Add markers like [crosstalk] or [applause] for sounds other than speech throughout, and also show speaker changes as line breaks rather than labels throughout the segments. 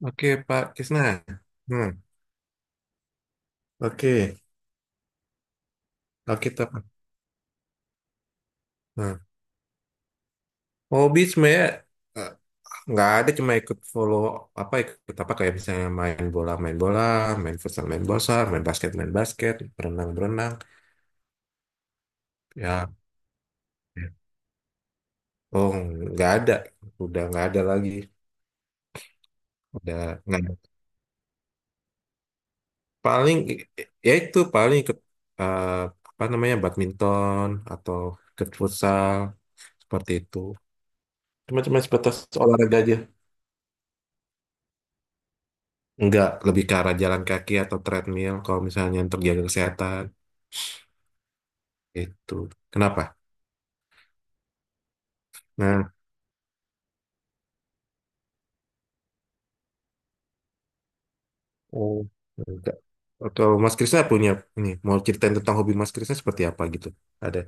Oke, Pak Krisna. Hmm, oke. Oke, kita. Nah, hobi sebenarnya eh, nggak ada, cuma ikut follow apa ikut apa kayak misalnya main bola main bola main futsal main futsal main basket berenang berenang. Ya, oh, nggak ada, udah nggak ada lagi, udah nggak ada. Paling ya itu paling ikut, eh, apa namanya, badminton atau ikut futsal, seperti itu. Cuma-cuma sebatas olahraga aja. Enggak, lebih ke arah jalan kaki atau treadmill kalau misalnya untuk jaga kesehatan itu. Kenapa? Nah. Oh, enggak. Atau Mas Krisna punya ini, mau ceritain tentang hobi Mas Krisna seperti apa gitu? Ada.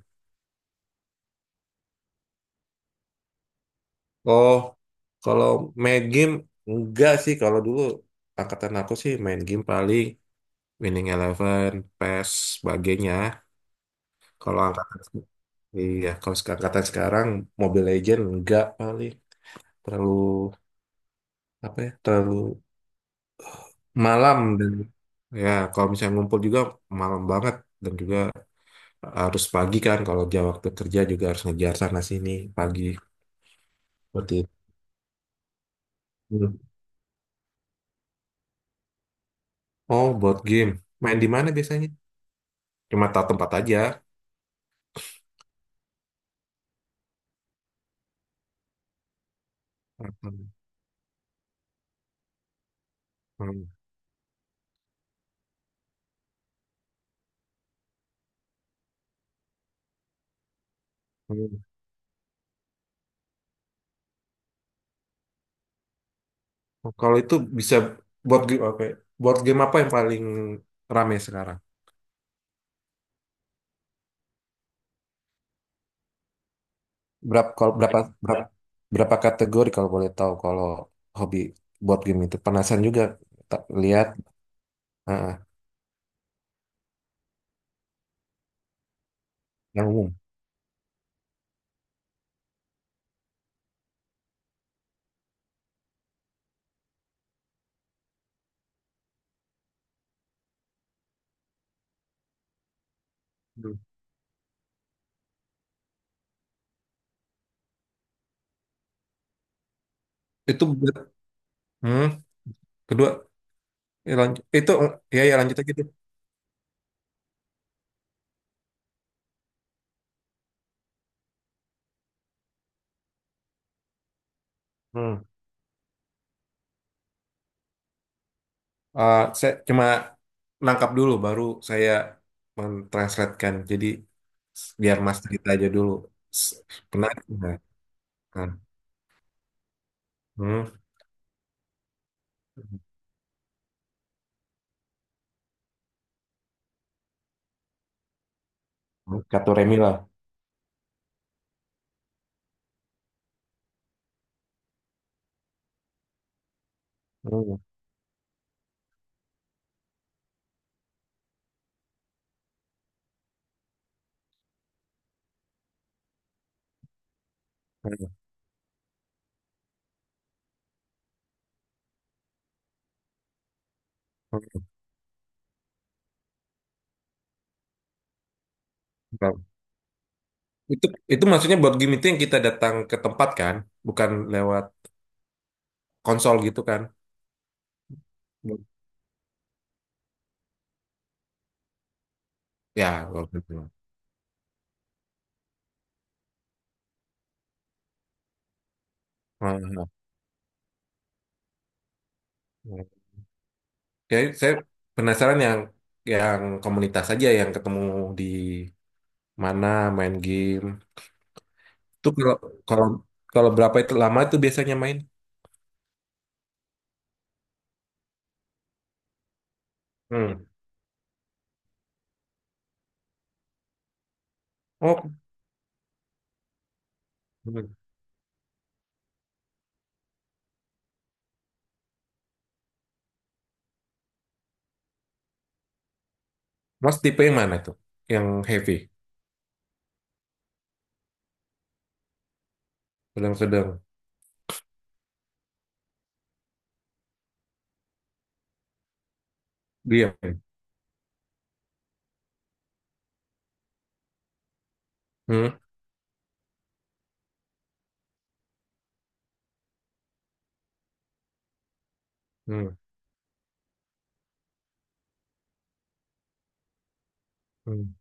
Oh, kalau main game enggak sih. Kalau dulu angkatan aku sih main game paling Winning Eleven, PES, sebagainya. Kalau angkatan, iya, kalau angkatan sekarang Mobile Legend enggak. Paling terlalu apa ya? Terlalu malam, dan ya kalau misalnya ngumpul juga malam banget, dan juga harus pagi kan, kalau jam waktu kerja juga harus ngejar sana sini pagi, seperti itu. Hmm. Oh, board game. Main di mana biasanya? Cuma tahu tempat aja. Hmm. Hmm. Hmm. Oh, kalau itu bisa board game apa, ya? Board game apa yang paling rame sekarang? Berapa, kalau berapa, berapa, berapa kategori, kalau boleh tahu, kalau hobi board game itu, penasaran juga tak lihat. Ah, ah, yang umum. Hmm. Itu, hmm, kedua, ya lanjut. Itu ya, ya lanjut aja gitu. Hmm. Eh, saya cuma nangkap dulu, baru saya mentranslatekan. Jadi biar Mas cerita aja dulu. S- menarik. Nah, nah. Hmm. Katoremi lah. Hmm. Hmm. Hmm. Itu itu maksudnya board game itu yang kita datang ke tempat kan, bukan lewat konsol gitu kan. Ya, board game. Hmm. Hmm. Hmm. Jadi saya penasaran yang komunitas aja yang ketemu di mana main game. Tuh kalau, kalau, kalau berapa itu lama tuh biasanya main? Hmm. Oh, hmm. Mas tipe yang mana tuh? Yang heavy, sedang-sedang, diam. Hmm. Hmm. Hmm.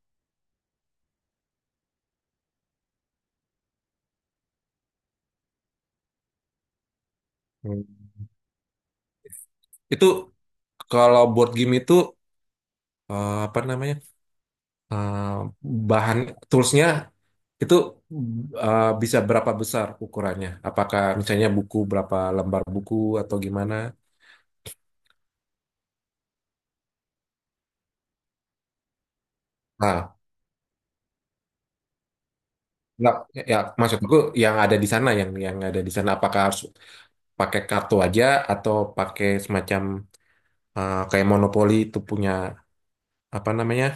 Hmm. Itu kalau board game itu, apa namanya? Eh, bahan toolsnya itu, eh, bisa berapa besar ukurannya? Apakah misalnya buku, berapa lembar buku, atau gimana? Nah, nggak, ya maksudku yang ada di sana, yang ada di sana apakah harus pakai kartu aja atau pakai semacam, kayak monopoli itu punya apa namanya,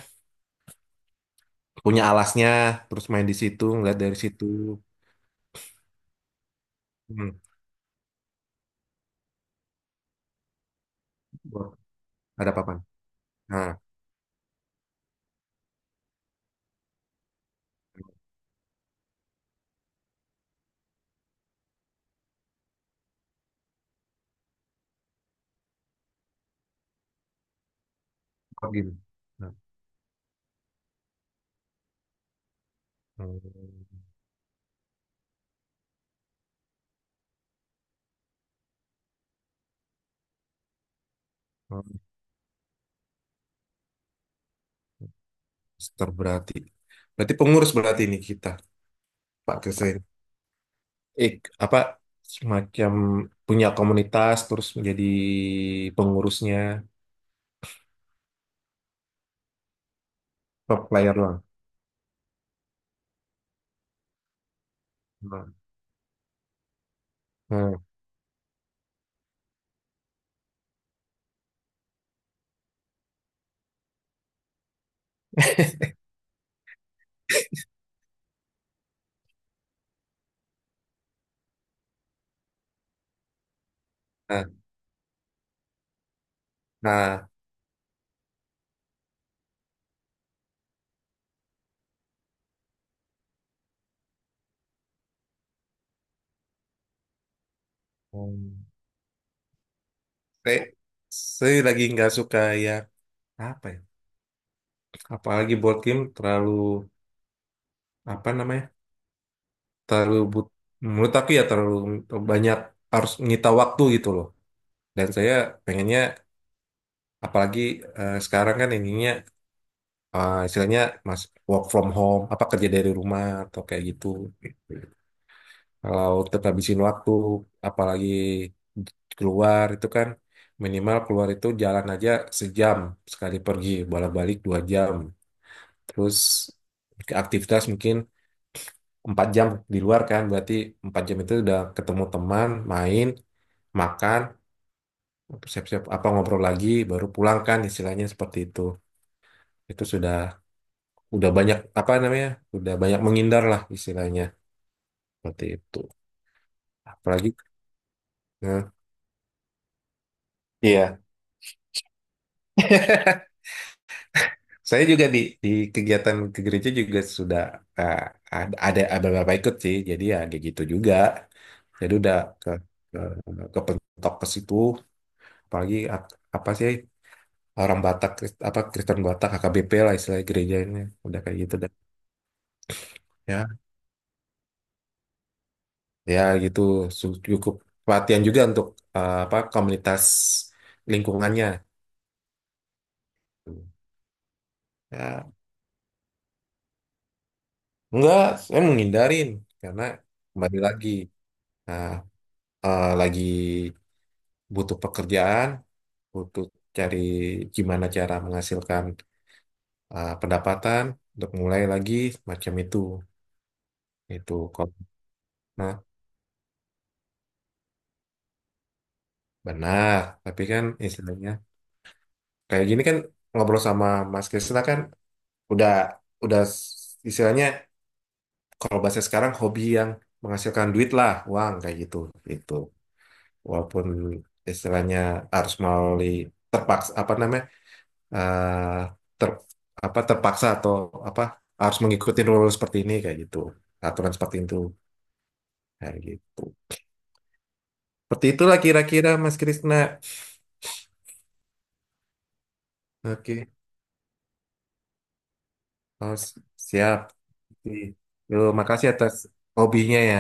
punya alasnya, terus main di situ, ngeliat dari situ. Hmm. Board. Ada apa, nah, board game, nah, hmm, hmm, master, berarti, berarti pengurus, berarti ini kita Pak Kesen, eh, apa, semacam punya komunitas terus menjadi pengurusnya, top player doang. Hmm. Hmm. Nah, nah, hmm. saya, saya lagi nggak suka ya, apa ya? Apalagi board game terlalu apa namanya? Terlalu but, menurut aku ya terlalu banyak, harus menyita waktu gitu loh. Dan saya pengennya, apalagi, sekarang kan ininya, istilahnya mas, work from home, apa kerja dari rumah atau kayak gitu. Kalau tetap habisin waktu, apalagi keluar itu kan minimal keluar itu jalan aja sejam sekali pergi, bolak-balik dua jam. Terus aktivitas mungkin empat jam di luar, kan berarti empat jam itu udah ketemu teman, main, makan, siap-siap, apa, ngobrol lagi baru pulang, kan istilahnya seperti itu. Itu sudah, udah banyak apa namanya, udah banyak menghindar lah istilahnya, seperti itu. Apalagi, eh, iya. [laughs] Saya juga di kegiatan ke gereja juga sudah, eh, ada beberapa ikut sih, jadi ya kayak gitu juga, jadi udah ke, ke, ke pentok ke situ. Apalagi apa sih, orang Batak apa Kristen Batak, HKBP lah istilahnya gerejanya, udah kayak gitu dah. Ya, ya gitu, cukup perhatian juga untuk, apa, komunitas lingkungannya, ya. Enggak, saya menghindarin karena kembali lagi, nah, lagi butuh pekerjaan, butuh cari gimana cara menghasilkan, pendapatan untuk mulai lagi, macam itu. Itu kok, nah, benar, tapi kan istilahnya, kayak gini kan ngobrol sama Mas Krisna kan udah, udah istilahnya, kalau bahasa sekarang, hobi yang menghasilkan duit lah, uang kayak gitu, gitu. Walaupun istilahnya harus melalui, terpaksa apa namanya, eh, ter, apa terpaksa, atau apa, harus mengikuti rule seperti ini kayak gitu, aturan seperti itu, kayak gitu. Seperti itulah kira-kira Mas Krisna. Oke, oh, siap. Yuk, makasih atas hobinya ya.